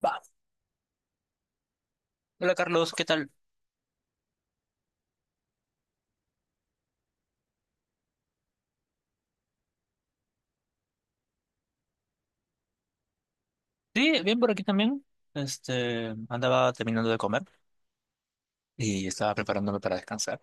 Va. Hola Carlos, ¿qué tal? Sí, bien por aquí también. Andaba terminando de comer y estaba preparándome para descansar.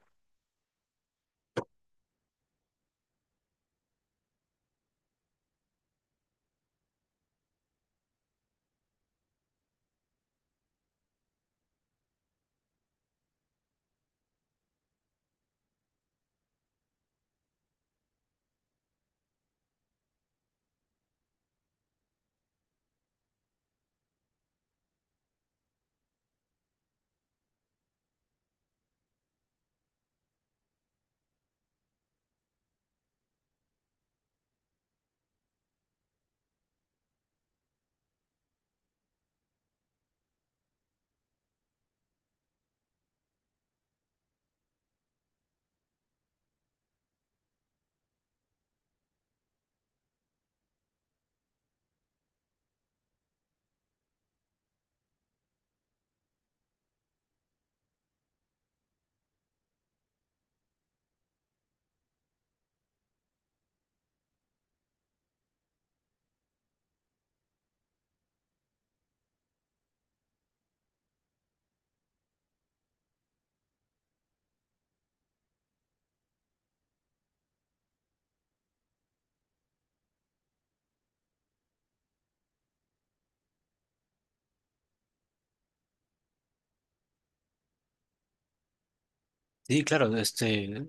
Sí, claro,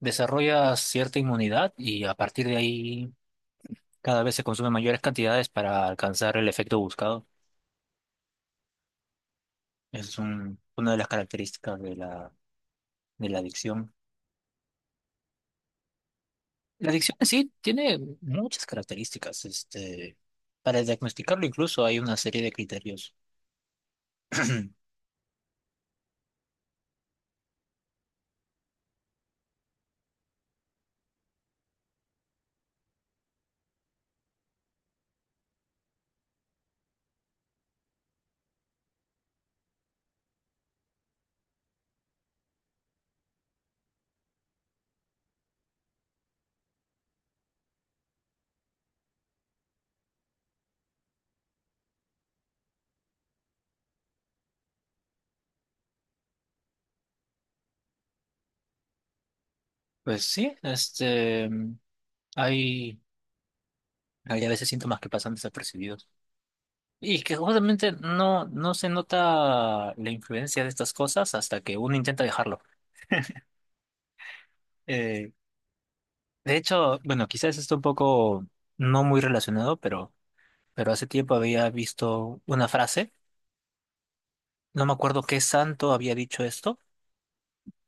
desarrolla cierta inmunidad y a partir de ahí cada vez se consumen mayores cantidades para alcanzar el efecto buscado. Es una de las características de de la adicción. La adicción en sí tiene muchas características. Para diagnosticarlo incluso hay una serie de criterios. Pues sí, este, hay Había a veces síntomas que pasan desapercibidos. Y que justamente no se nota la influencia de estas cosas hasta que uno intenta dejarlo. Eh, de hecho, bueno, quizás esto un poco no muy relacionado, pero hace tiempo había visto una frase, no me acuerdo qué santo había dicho esto,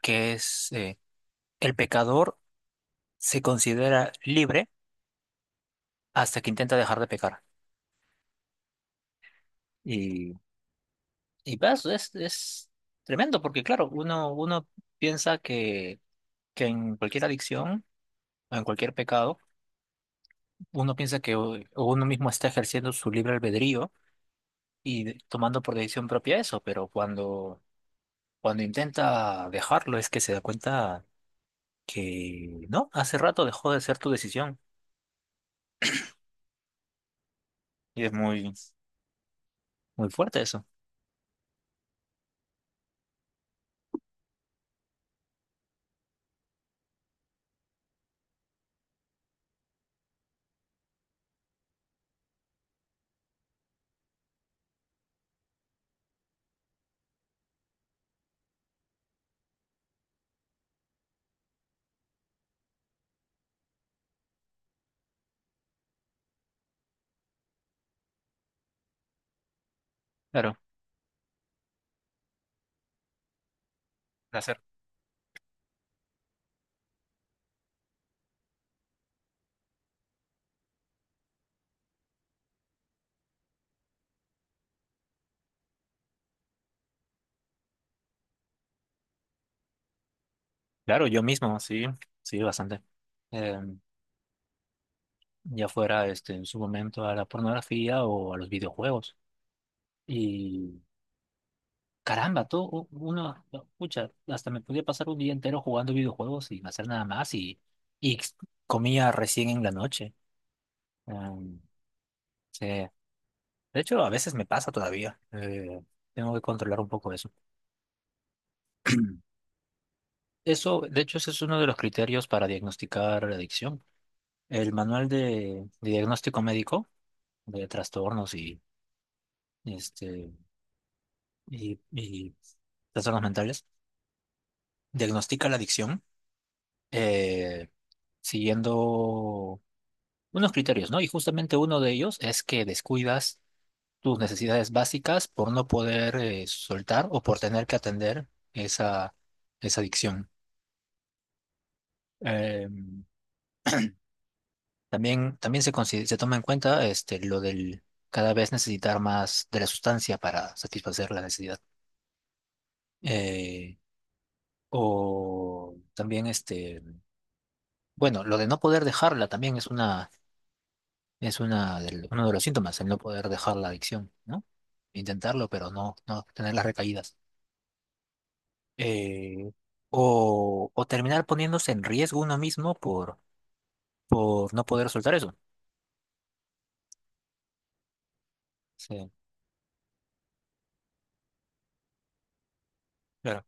que es el pecador se considera libre hasta que intenta dejar de pecar. Y, y pues, es tremendo, porque claro, uno piensa que en cualquier adicción o en cualquier pecado, uno piensa que uno mismo está ejerciendo su libre albedrío y tomando por decisión propia eso, pero cuando intenta dejarlo es que se da cuenta que no, hace rato dejó de ser tu decisión y es muy, muy fuerte eso. Claro. Placer. Claro, yo mismo, sí, sí, bastante. Eh, ya fuera en su momento a la pornografía o a los videojuegos. Caramba, todo uno, no, pucha, hasta me podía pasar un día entero jugando videojuegos sin hacer nada más y comía recién en la noche. Em, sí. De hecho, a veces me pasa todavía. Tengo que controlar un poco eso. Eso, de hecho, ese es uno de los criterios para diagnosticar la adicción. El manual de diagnóstico médico de trastornos este, y trastornos mentales diagnostica la adicción eh, siguiendo unos criterios, ¿no? Y justamente uno de ellos es que descuidas tus necesidades básicas por no poder soltar o por tener que atender esa, esa adicción. Eh, También, también se toma en cuenta lo del cada vez necesitar más de la sustancia para satisfacer la necesidad. Eh, o también, bueno, lo de no poder dejarla también es es uno de los síntomas, el no poder dejar la adicción, ¿no? Intentarlo, pero no tener las recaídas. eh, o, o terminar poniéndose en riesgo uno mismo por no poder soltar eso. Sí, claro.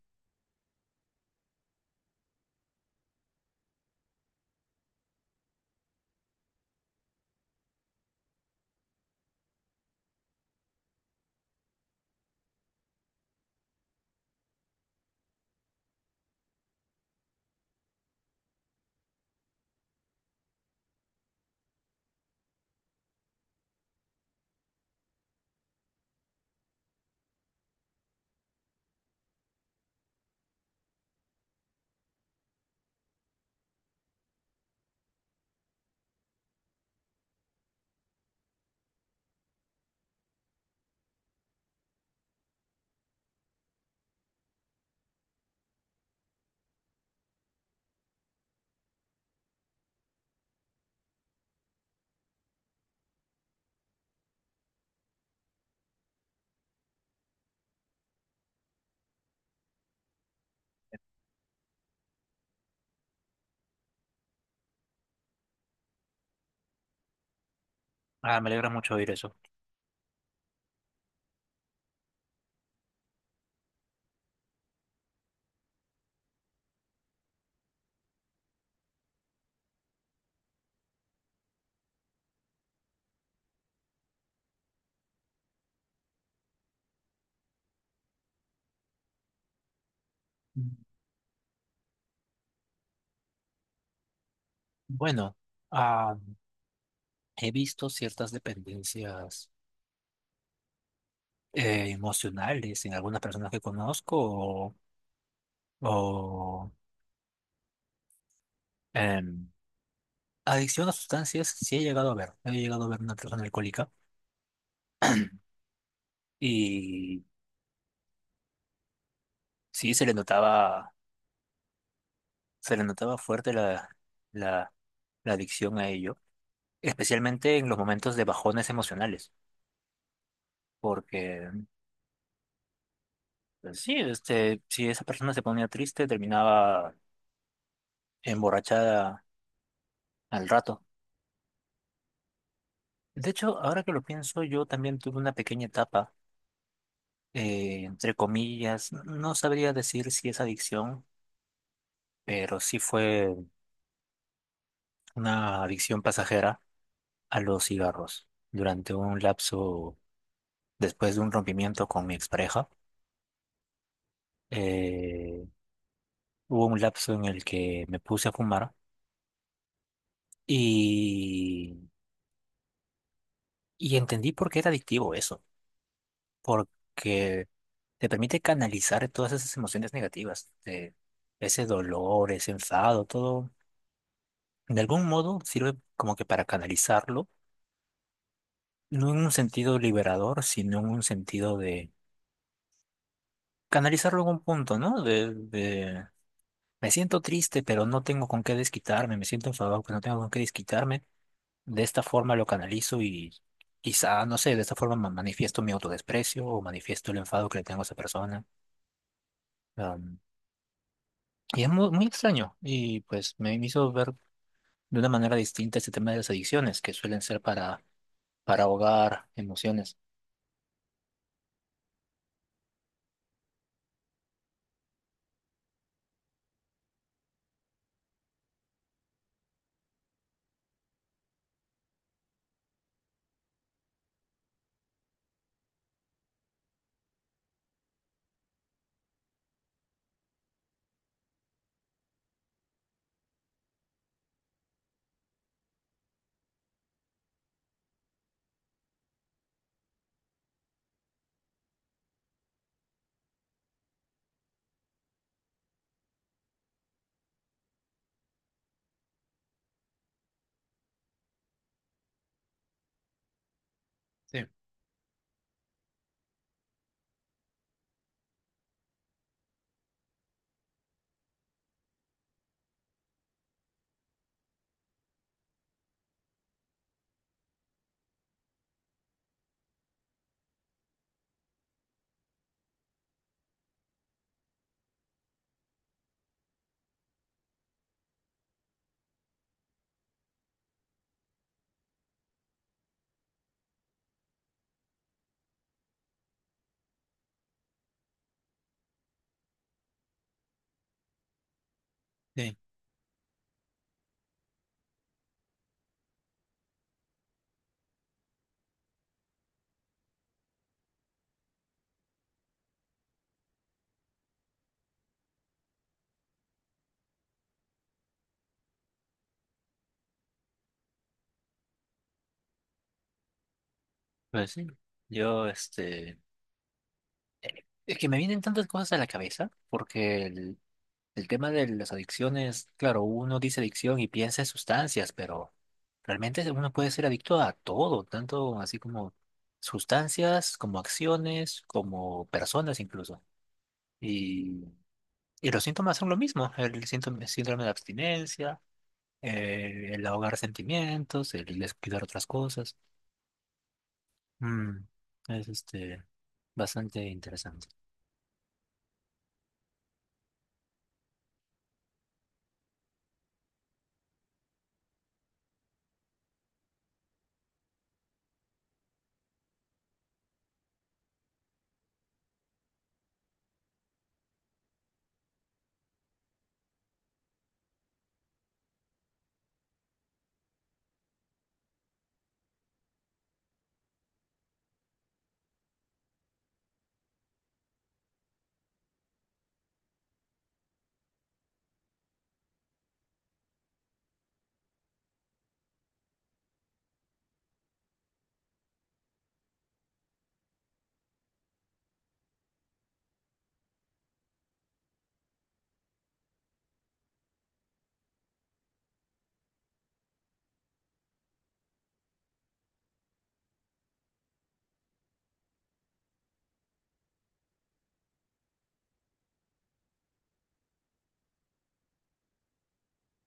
Ah, me alegra mucho oír eso. Mm. Bueno, ah, he visto ciertas dependencias emocionales en algunas personas que conozco o, em, adicción a sustancias, sí he llegado a ver. He llegado a ver una persona alcohólica y sí se le notaba fuerte la, la adicción a ello, especialmente en los momentos de bajones emocionales, porque pues, sí, si esa persona se ponía triste, terminaba emborrachada al rato. De hecho, ahora que lo pienso, yo también tuve una pequeña etapa, entre comillas, no sabría decir si es adicción, pero sí fue una adicción pasajera a los cigarros durante un lapso después de un rompimiento con mi expareja. eh, Hubo un lapso en el que me puse a fumar. Y Y entendí por qué era adictivo eso, porque te permite canalizar todas esas emociones negativas, ese dolor, ese enfado, todo. De algún modo sirve como que para canalizarlo, no en un sentido liberador, sino en un sentido de canalizarlo en un punto, ¿no? De Me siento triste, pero no tengo con qué desquitarme, me siento enfadado, pero no tengo con qué desquitarme. De esta forma lo canalizo y quizá, no sé, de esta forma manifiesto mi autodesprecio o manifiesto el enfado que le tengo a esa persona. Y es muy, muy extraño. Y pues me hizo ver de una manera distinta este tema de las adicciones, que suelen ser para ahogar emociones. Sí, sí. Pues sí, yo, es que me vienen tantas cosas a la cabeza, porque el tema de las adicciones, claro, uno dice adicción y piensa en sustancias, pero realmente uno puede ser adicto a todo, tanto así como sustancias, como acciones, como personas incluso. Y los síntomas son lo mismo, el síntoma, síndrome de abstinencia, el ahogar sentimientos, el descuidar otras cosas. Mm, es bastante interesante.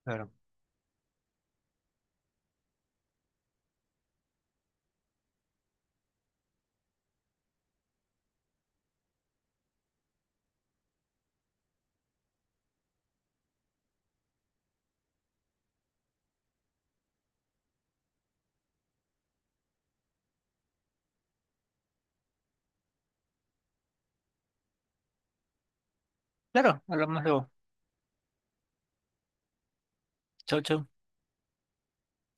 Claro. Claro, hablamos luego. Chau, chau.